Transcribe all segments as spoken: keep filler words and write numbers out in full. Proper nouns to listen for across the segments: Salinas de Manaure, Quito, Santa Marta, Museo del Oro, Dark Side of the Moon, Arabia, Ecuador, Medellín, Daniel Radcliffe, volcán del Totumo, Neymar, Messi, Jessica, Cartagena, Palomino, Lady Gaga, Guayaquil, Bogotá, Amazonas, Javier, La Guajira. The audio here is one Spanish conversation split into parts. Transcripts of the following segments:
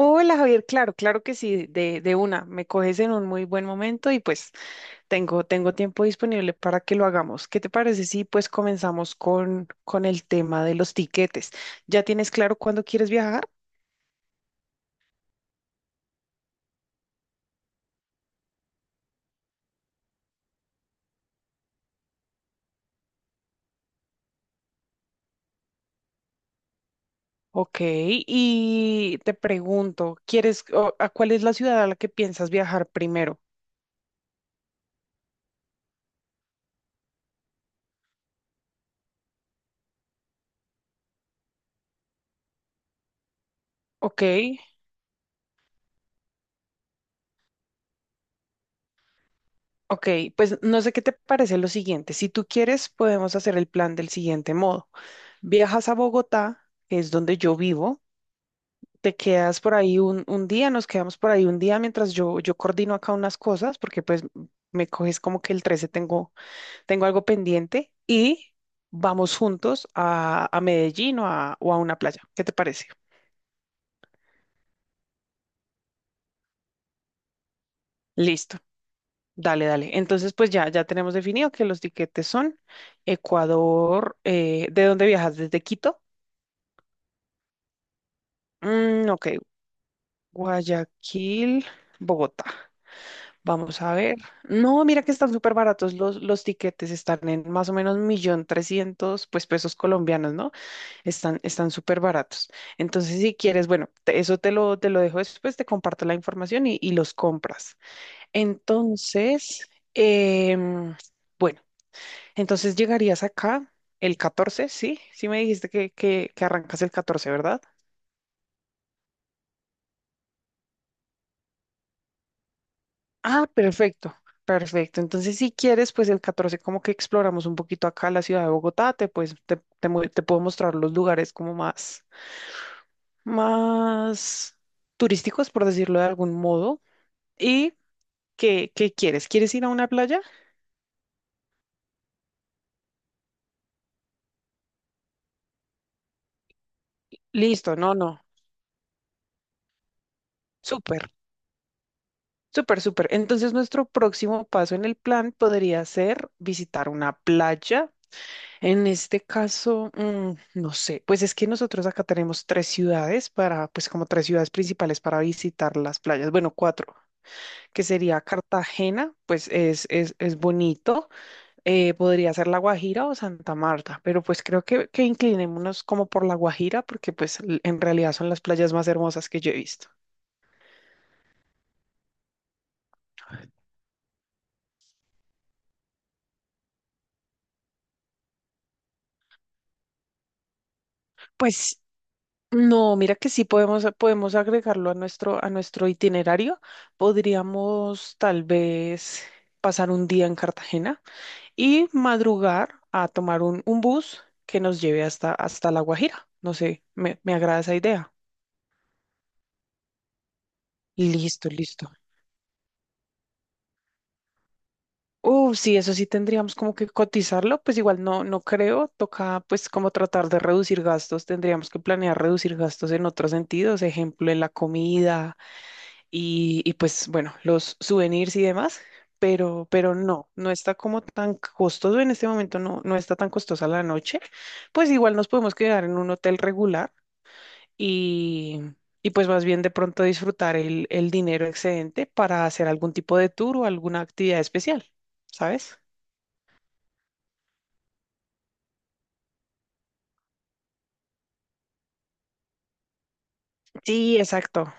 Hola Javier, claro, claro que sí, de, de una, me coges en un muy buen momento y pues tengo, tengo tiempo disponible para que lo hagamos. ¿Qué te parece si pues comenzamos con, con el tema de los tiquetes? ¿Ya tienes claro cuándo quieres viajar? Ok, y te pregunto, ¿quieres, o- a cuál es la ciudad a la que piensas viajar primero? Ok, ok, pues no sé qué te parece lo siguiente. Si tú quieres, podemos hacer el plan del siguiente modo. Viajas a Bogotá, que es donde yo vivo. Te quedas por ahí un, un día, nos quedamos por ahí un día mientras yo, yo coordino acá unas cosas, porque pues me coges como que el trece tengo, tengo algo pendiente y vamos juntos a, a Medellín o a, o a una playa. ¿Qué te parece? Listo. Dale, dale. Entonces, pues ya, ya tenemos definido que los tiquetes son Ecuador, eh, ¿de dónde viajas? ¿Desde Quito? Mm, ok, Guayaquil, Bogotá. Vamos a ver. No, mira que están súper baratos los, los tiquetes, están en más o menos un millón trescientos, pues pesos colombianos, ¿no? Están, están súper baratos. Entonces, si quieres, bueno, te- eso te lo, te lo dejo después, te comparto la información y, y los compras. Entonces, em, bueno, entonces llegarías acá el catorce, ¿sí? Sí me dijiste que, que, que arrancas el catorce, ¿verdad? Ah, perfecto, perfecto. Entonces, si quieres, pues el catorce como que exploramos un poquito acá la ciudad de Bogotá, te, pues, te, te, mu- te puedo mostrar los lugares como más, más, turísticos, por decirlo de algún modo. ¿Y qué, qué quieres? ¿Quieres ir a una playa? Listo, no, no. Súper, súper, súper. Entonces, nuestro próximo paso en el plan podría ser visitar una playa. En este caso, mm, no sé, pues es que nosotros acá tenemos tres ciudades para, pues como tres ciudades principales para visitar las playas, bueno, cuatro, que sería Cartagena, pues es, es, es, bonito, eh, podría ser La Guajira o Santa Marta, pero pues creo que, que inclinémonos como por La Guajira, porque pues l- en realidad son las playas más hermosas que yo he visto. Pues. No, mira que sí podemos, podemos, agregarlo a nuestro, a nuestro itinerario. Podríamos tal vez pasar un día en Cartagena y madrugar a tomar un, un bus que nos lleve hasta, hasta La Guajira. No sé, me, me agrada esa idea. Listo, listo. Uh, sí, eso sí tendríamos como que cotizarlo, pues igual no, no creo, toca pues como tratar de reducir gastos, tendríamos que planear reducir gastos en otros sentidos, ejemplo, en la comida y, y pues bueno, los souvenirs y demás, pero, pero no, no está como tan costoso en este momento, no, no está tan costosa la noche, pues igual nos podemos quedar en un hotel regular y, y pues más bien de pronto disfrutar el, el dinero excedente para hacer algún tipo de tour o alguna actividad especial, ¿sabes? Sí, exacto.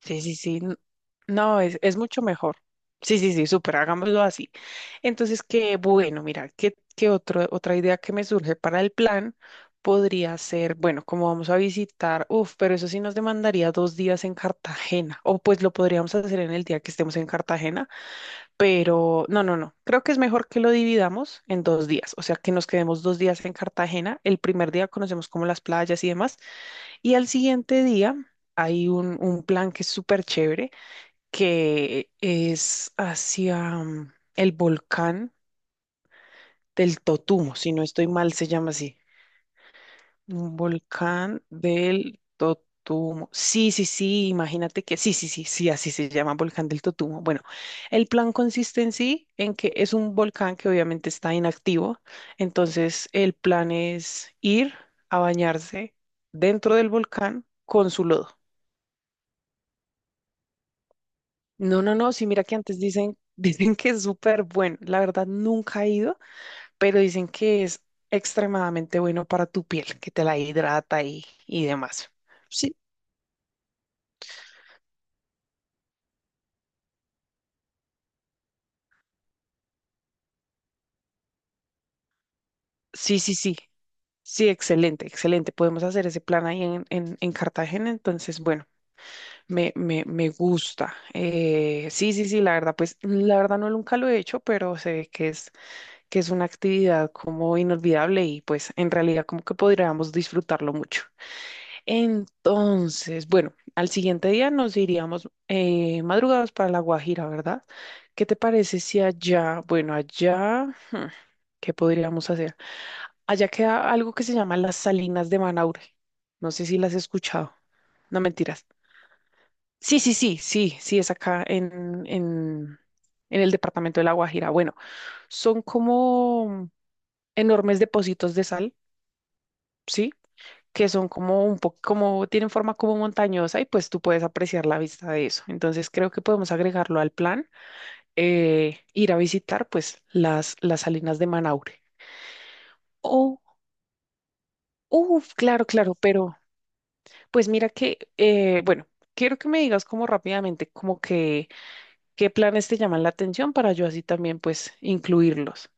Sí, sí, sí. n- No, es, es mucho mejor. Sí, sí, sí, súper, hagámoslo así. Entonces, qué bueno, mira, qué, qué otro, otra idea que me surge para el plan podría ser, bueno, como vamos a visitar, uf, pero eso sí nos demandaría dos días en Cartagena, o pues lo podríamos hacer en el día que estemos en Cartagena, pero no, no, no, creo que es mejor que lo dividamos en dos días, o sea, que nos quedemos dos días en Cartagena, el primer día conocemos como las playas y demás, y al siguiente día... Hay un, un plan que es súper chévere, que es hacia mm, el volcán del Totumo, si no estoy mal, se llama así. Un volcán del Totumo. Sí, sí, sí, imagínate que sí, sí, sí, sí, así se llama volcán del Totumo. Bueno, el plan consiste en sí, en que es un volcán que obviamente está inactivo, entonces el plan es ir a bañarse dentro del volcán con su lodo. No, no, no, sí, mira que antes dicen, dicen que es súper bueno. La verdad, nunca he ido, pero dicen que es extremadamente bueno para tu piel, que te la hidrata y, y demás. Sí, sí, sí, sí, sí, excelente, excelente. Podemos hacer ese plan ahí en, en, en Cartagena, entonces, bueno, me, me, me gusta. Eh, sí, sí, sí, la verdad, pues la verdad no nunca lo he hecho, pero se ve que es, que es una actividad como inolvidable y pues en realidad como que podríamos disfrutarlo mucho. Entonces, bueno, al siguiente día nos iríamos eh, madrugados para La Guajira, ¿verdad? ¿Qué te parece si allá, bueno, allá, hmm, ¿qué podríamos hacer? Allá queda algo que se llama las Salinas de Manaure. No sé si las has escuchado. No mentiras. Sí, sí, sí, sí, sí, es acá en, en, en el departamento de La Guajira. Bueno, son como enormes depósitos de sal, ¿sí? Que son como un poco, como tienen forma como montañosa y pues tú puedes apreciar la vista de eso. Entonces creo que podemos agregarlo al plan, eh, ir a visitar pues las, las, salinas de Manaure. Oh, uff claro, claro, pero pues mira que, eh, bueno, quiero que me digas como rápidamente como que qué planes te llaman la atención para yo así también pues incluirlos.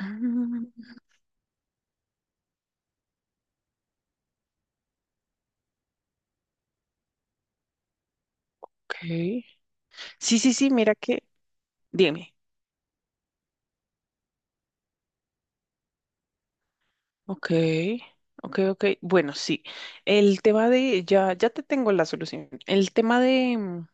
Mm, ok. Sí, sí, sí, mira que, dime. Ok, ok, ok. Bueno, sí. El tema de, ya, ya te tengo la solución. El tema de mm,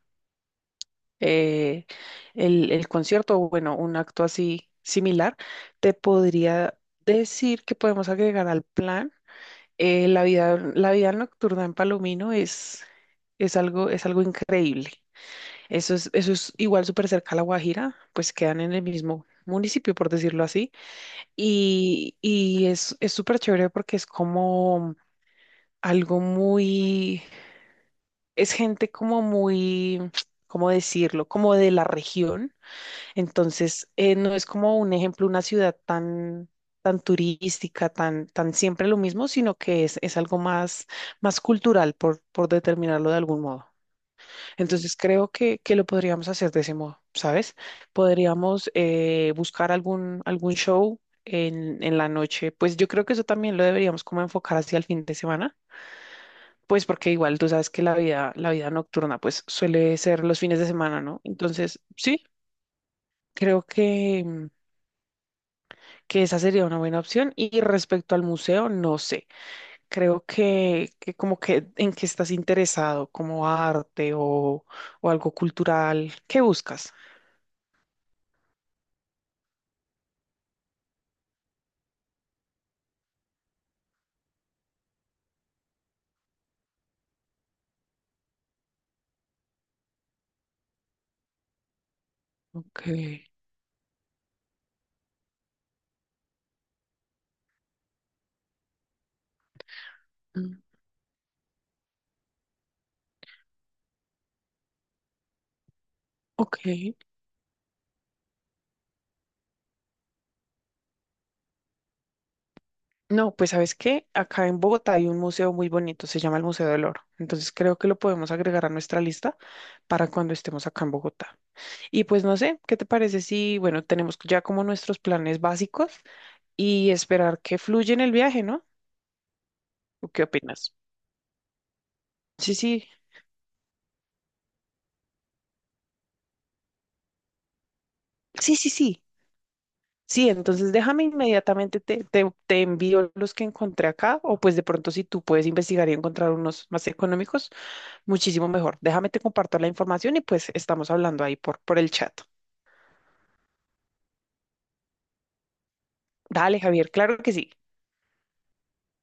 eh, el, el concierto, o bueno, un acto así similar, te podría decir que podemos agregar al plan. eh, la vida, la vida, nocturna en Palomino es, es algo, es algo increíble. Eso es, eso es igual súper cerca a La Guajira, pues quedan en el mismo municipio, por decirlo así. Y, y es, es súper chévere porque es como algo muy, es gente como muy, ¿cómo decirlo? Como de la región. Entonces, eh, no es como un ejemplo, una ciudad tan, tan, turística, tan, tan siempre lo mismo, sino que es, es, algo más, más, cultural, por, por determinarlo de algún modo. Entonces, creo que, que lo podríamos hacer de ese modo, ¿sabes? Podríamos eh, buscar algún, algún show. En, en la noche, pues yo creo que eso también lo deberíamos como enfocar hacia el fin de semana pues porque igual tú sabes que la vida, la vida nocturna pues suele ser los fines de semana, ¿no? Entonces, sí, creo que, mm, que esa sería una buena opción. Y respecto al museo, no sé. Creo que, que como que en qué estás interesado, como arte o, o algo cultural, ¿qué buscas? Ok. mm, Ok. No, pues ¿sabes qué? Acá en Bogotá hay un museo muy bonito, se llama el Museo del Oro. Entonces creo que lo podemos agregar a nuestra lista para cuando estemos acá en Bogotá. Y pues no sé, ¿qué te parece si, bueno, tenemos ya como nuestros planes básicos y esperar que fluya en el viaje, ¿no? ¿O qué opinas? Sí, sí, sí, sí, sí. Sí, entonces déjame inmediatamente, te, te, te envío los que encontré acá, o pues de pronto si tú puedes investigar y encontrar unos más económicos, muchísimo mejor. Déjame te comparto la información y pues estamos hablando ahí por, por, el chat. Dale, Javier, claro que sí.